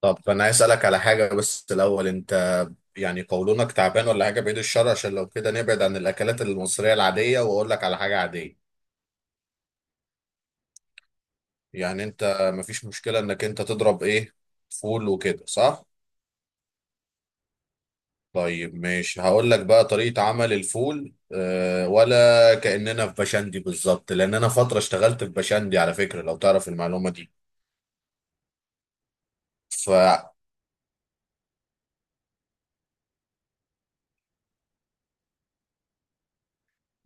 طب انا عايز اسالك على حاجه بس الاول انت يعني قولونك تعبان ولا حاجه بعيد الشر عشان لو كده نبعد عن الاكلات المصريه العاديه واقول لك على حاجه عاديه. يعني انت مفيش مشكله انك انت تضرب ايه، فول وكده صح؟ طيب ماشي، هقول لك بقى طريقه عمل الفول أه، ولا كاننا في بشندي بالظبط، لان انا فتره اشتغلت في بشندي على فكره لو تعرف المعلومه دي. ف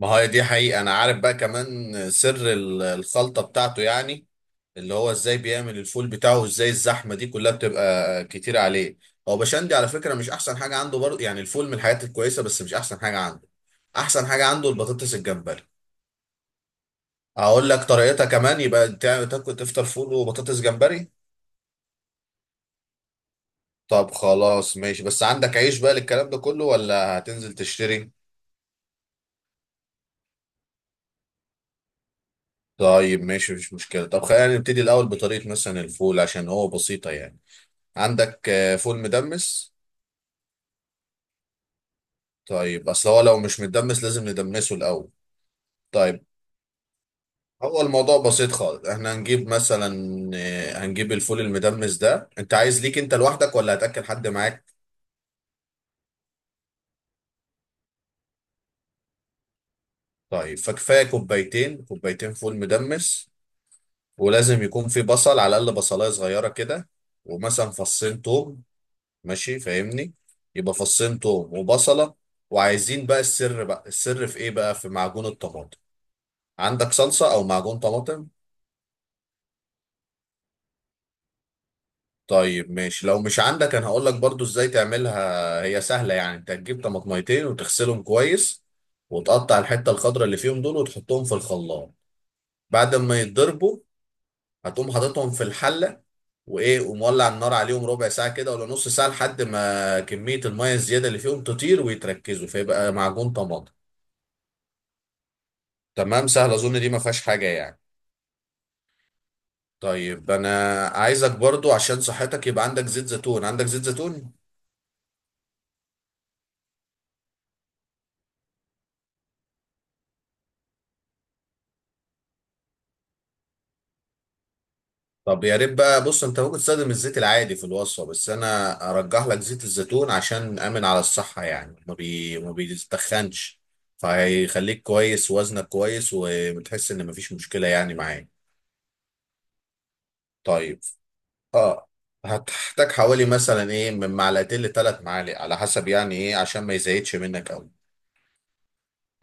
ما هي دي حقيقه، انا عارف بقى كمان سر الخلطه بتاعته يعني، اللي هو ازاي بيعمل الفول بتاعه وازاي الزحمه دي كلها بتبقى كتير عليه. هو بشندي على فكره مش احسن حاجه عنده برضه، يعني الفول من الحاجات الكويسه بس مش احسن حاجه عنده. احسن حاجه عنده البطاطس الجمبري. اقول لك طريقتها كمان، يبقى تاكل تفطر فول وبطاطس جمبري. طب خلاص ماشي، بس عندك عيش بقى للكلام ده كله ولا هتنزل تشتري؟ طيب ماشي مفيش مشكله. طب خلينا نبتدي الاول بطريقه مثلا الفول عشان هو بسيطه يعني. عندك فول مدمس؟ طيب اصل هو لو مش مدمس لازم ندمسه الاول. طيب، هو الموضوع بسيط خالص. احنا هنجيب مثلا هنجيب الفول المدمس ده، انت عايز ليك انت لوحدك ولا هتاكل حد معاك؟ طيب، فكفايه كوبايتين، كوبايتين فول مدمس، ولازم يكون في بصل على الاقل بصلايه صغيره كده، ومثلا فصين توم، ماشي فاهمني؟ يبقى فصين توم وبصله. وعايزين بقى السر، بقى السر في ايه بقى؟ في معجون الطماطم. عندك صلصه او معجون طماطم؟ طيب ماشي، لو مش عندك انا هقول لك برضو ازاي تعملها، هي سهله يعني. انت هتجيب طماطميتين وتغسلهم كويس، وتقطع الحته الخضراء اللي فيهم دول وتحطهم في الخلاط، بعد ما يتضربوا هتقوم حاططهم في الحله، وايه ومولع النار عليهم ربع ساعه كده ولا نص ساعه لحد ما كميه الميه الزياده اللي فيهم تطير ويتركزوا، فيبقى معجون طماطم. تمام، سهل اظن دي ما فيهاش حاجه يعني. طيب انا عايزك برضو عشان صحتك، يبقى عندك زيت زيتون؟ عندك زيت زيتون؟ طب يا ريت بقى. بص، انت ممكن تستخدم الزيت العادي في الوصفه، بس انا ارجح لك زيت الزيتون عشان امن على الصحه، يعني ما بيتخنش، فهيخليك كويس، وزنك كويس، وبتحس ان مفيش مشكله يعني معاك. طيب اه، هتحتاج حوالي مثلا ايه، من معلقتين لثلاث معالق على حسب يعني ايه، عشان ما يزيدش منك قوي.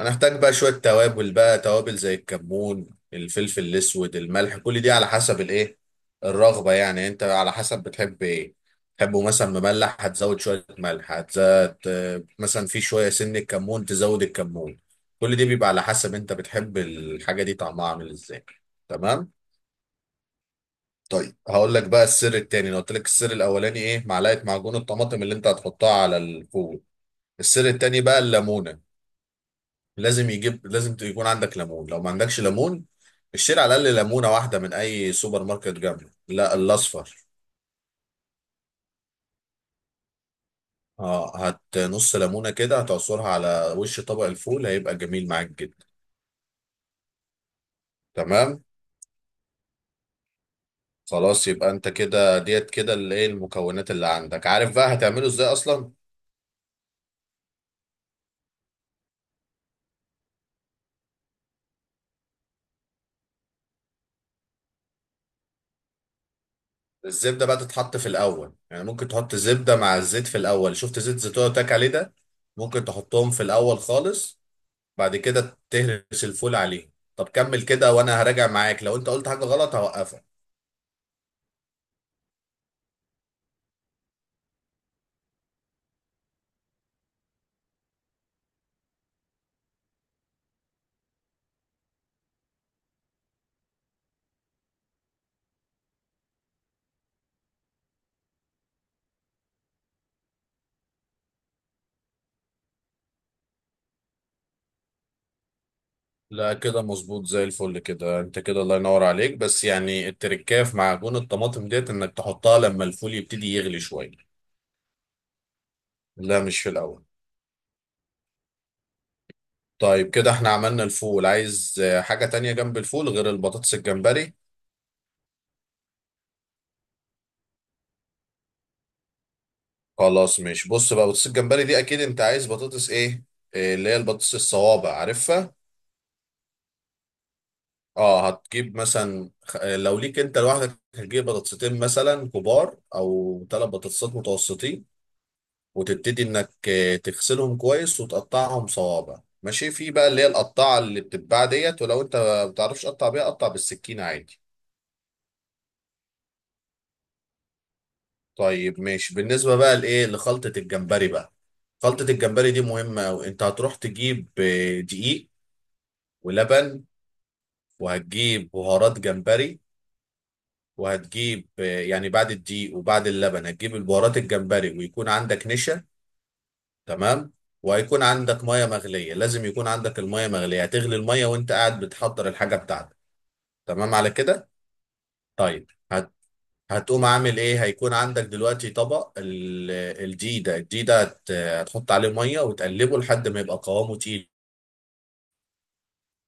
انا احتاج بقى شويه توابل بقى، توابل زي الكمون، الفلفل الاسود، الملح، كل دي على حسب الايه، الرغبه يعني، انت على حسب بتحب ايه. تحبه مثلا مملح هتزود شويه ملح، هتزود مثلا في شويه سن الكمون تزود الكمون. كل دي بيبقى على حسب انت بتحب الحاجه دي طعمها عامل ازاي. تمام. طيب هقول لك بقى السر التاني. انا قلت لك السر الاولاني ايه، معلقه معجون الطماطم اللي انت هتحطها على الفول. السر التاني بقى الليمونه. لازم يكون عندك ليمون، لو ما عندكش ليمون اشتري على الاقل ليمونه واحده من اي سوبر ماركت جنبه، لا الاصفر. اه، هات نص ليمونه كده هتعصرها على وش طبق الفول، هيبقى جميل معاك جدا. تمام خلاص. يبقى انت كده ديت كده اللي ايه المكونات اللي عندك، عارف بقى هتعمله ازاي اصلا. الزبده بقى تتحط في الاول، يعني ممكن تحط زبده مع الزيت في الاول، شفت زيت زيتون تاك عليه ده؟ ممكن تحطهم في الاول خالص، بعد كده تهرس الفول عليه. طب كمل كده، وانا هراجع معاك لو انت قلت حاجة غلط هوقفك. لا كده مظبوط زي الفل كده، انت كده الله ينور عليك، بس يعني التركايه في معجون الطماطم ديت، انك تحطها لما الفول يبتدي يغلي شوية. لا مش في الاول. طيب، كده احنا عملنا الفول. عايز حاجة تانية جنب الفول غير البطاطس الجمبري؟ خلاص. مش بص بقى، بطاطس الجمبري دي اكيد انت عايز بطاطس ايه، اللي هي البطاطس الصوابع عارفها. اه، هتجيب مثلا لو ليك انت لوحدك هتجيب بطاطستين مثلا كبار، او ثلاث بطاطسات متوسطين، وتبتدي انك تغسلهم كويس وتقطعهم صوابع، ماشي في بقى اللي هي القطاعه اللي بتتباع ديت، ولو انت ما بتعرفش تقطع بيها قطع بالسكينه عادي. طيب ماشي، بالنسبه بقى لايه، لخلطه الجمبري بقى. خلطه الجمبري دي مهمه قوي، انت هتروح تجيب دقيق، ولبن، وهتجيب بهارات جمبري، وهتجيب يعني بعد الدقيق وبعد اللبن هتجيب البهارات الجمبري، ويكون عندك نشا. تمام. وهيكون عندك ميه مغليه، لازم يكون عندك الميه مغليه، هتغلي الميه وانت قاعد بتحضر الحاجه بتاعتك. تمام على كده. طيب هتقوم عامل ايه، هيكون عندك دلوقتي طبق الدقيق ده. الدقيق ده هتحط عليه ميه وتقلبه لحد ما يبقى قوامه تقيل.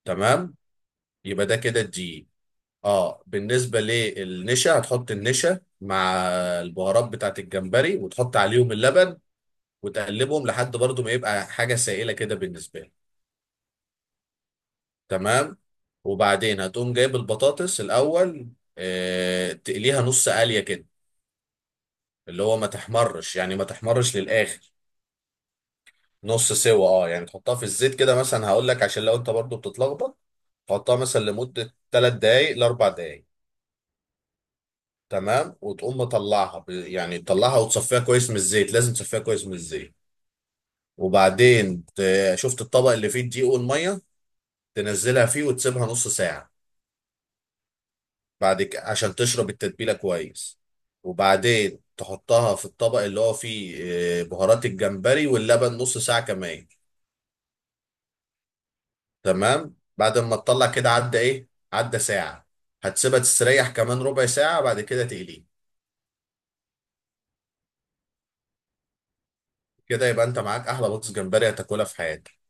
تمام. يبقى ده كده الدقيق. اه، بالنسبه للنشا هتحط النشا مع البهارات بتاعت الجمبري، وتحط عليهم اللبن، وتقلبهم لحد برضو ما يبقى حاجة سائلة كده بالنسبة لك. تمام. وبعدين هتقوم جايب البطاطس الأول، تقليها نص قلية كده، اللي هو ما تحمرش يعني، ما تحمرش للآخر. نص سوا اه، يعني تحطها في الزيت كده، مثلا هقول لك عشان لو انت برضو بتتلخبط، تحطها مثلا لمدة 3 دقايق ل 4 دقايق. تمام، وتقوم مطلعها يعني تطلعها وتصفيها كويس من الزيت، لازم تصفيها كويس من الزيت. وبعدين شفت الطبق اللي فيه الدقيق والميه، تنزلها فيه وتسيبها نص ساعة. بعد كده عشان تشرب التتبيلة كويس، وبعدين تحطها في الطبق اللي هو فيه بهارات الجمبري واللبن، نص ساعة كمان. تمام. بعد ما تطلع كده عدى ايه، عدى ساعة، هتسيبها تستريح كمان ربع ساعة، بعد كده تقليه. كده يبقى انت معاك احلى بطاطس جمبري هتاكلها في حياتك.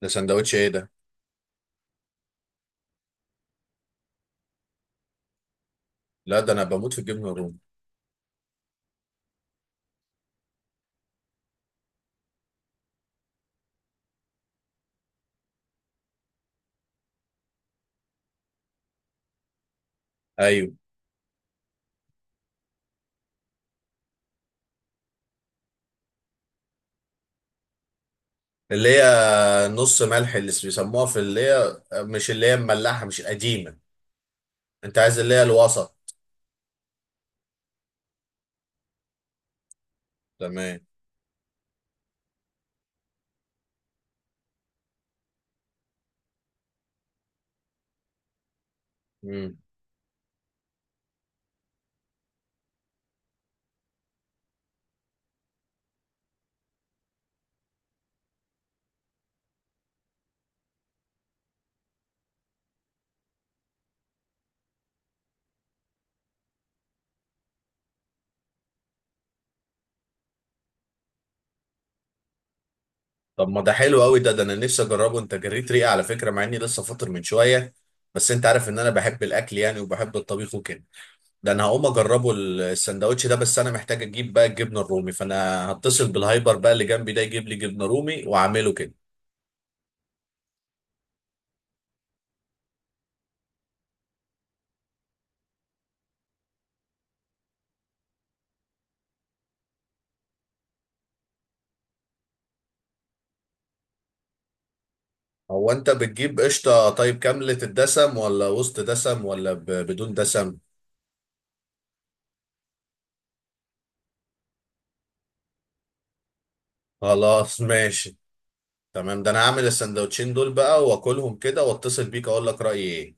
ده سندوتش ايه ده؟ لا ده انا بموت في الجبنة الرومي. ايوه، اللي هي نص ملح، اللي بيسموها في اللي هي، مش اللي هي الملاحة، مش القديمة. انت عايز اللي هي الوسط. تمام. مم. طب ما ده حلو قوي، ده انا نفسي اجربه، انت جريت ريقي على فكره مع اني لسه فاطر من شويه. بس انت عارف ان انا بحب الاكل يعني، وبحب الطبيخ وكده. ده انا هقوم اجربه السندوتش ده، بس انا محتاج اجيب بقى الجبنه الرومي، فانا هتصل بالهايبر بقى اللي جنبي ده، يجيب لي جبنه رومي واعمله كده. هو انت بتجيب قشطه طيب كامله الدسم، ولا وسط دسم، ولا بدون دسم؟ خلاص ماشي، تمام. ده انا هعمل السندوتشين دول بقى واكلهم كده، واتصل بيك اقول لك رايي ايه.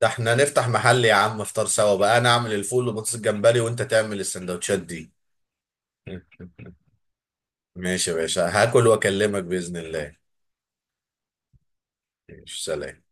ده احنا نفتح محل يا عم، افطار سوا بقى، انا اعمل الفول وبطاطس الجمبري وانت تعمل السندوتشات دي. ماشي يا باشا، هاكل واكلمك بإذن الله. ماشي، سلام.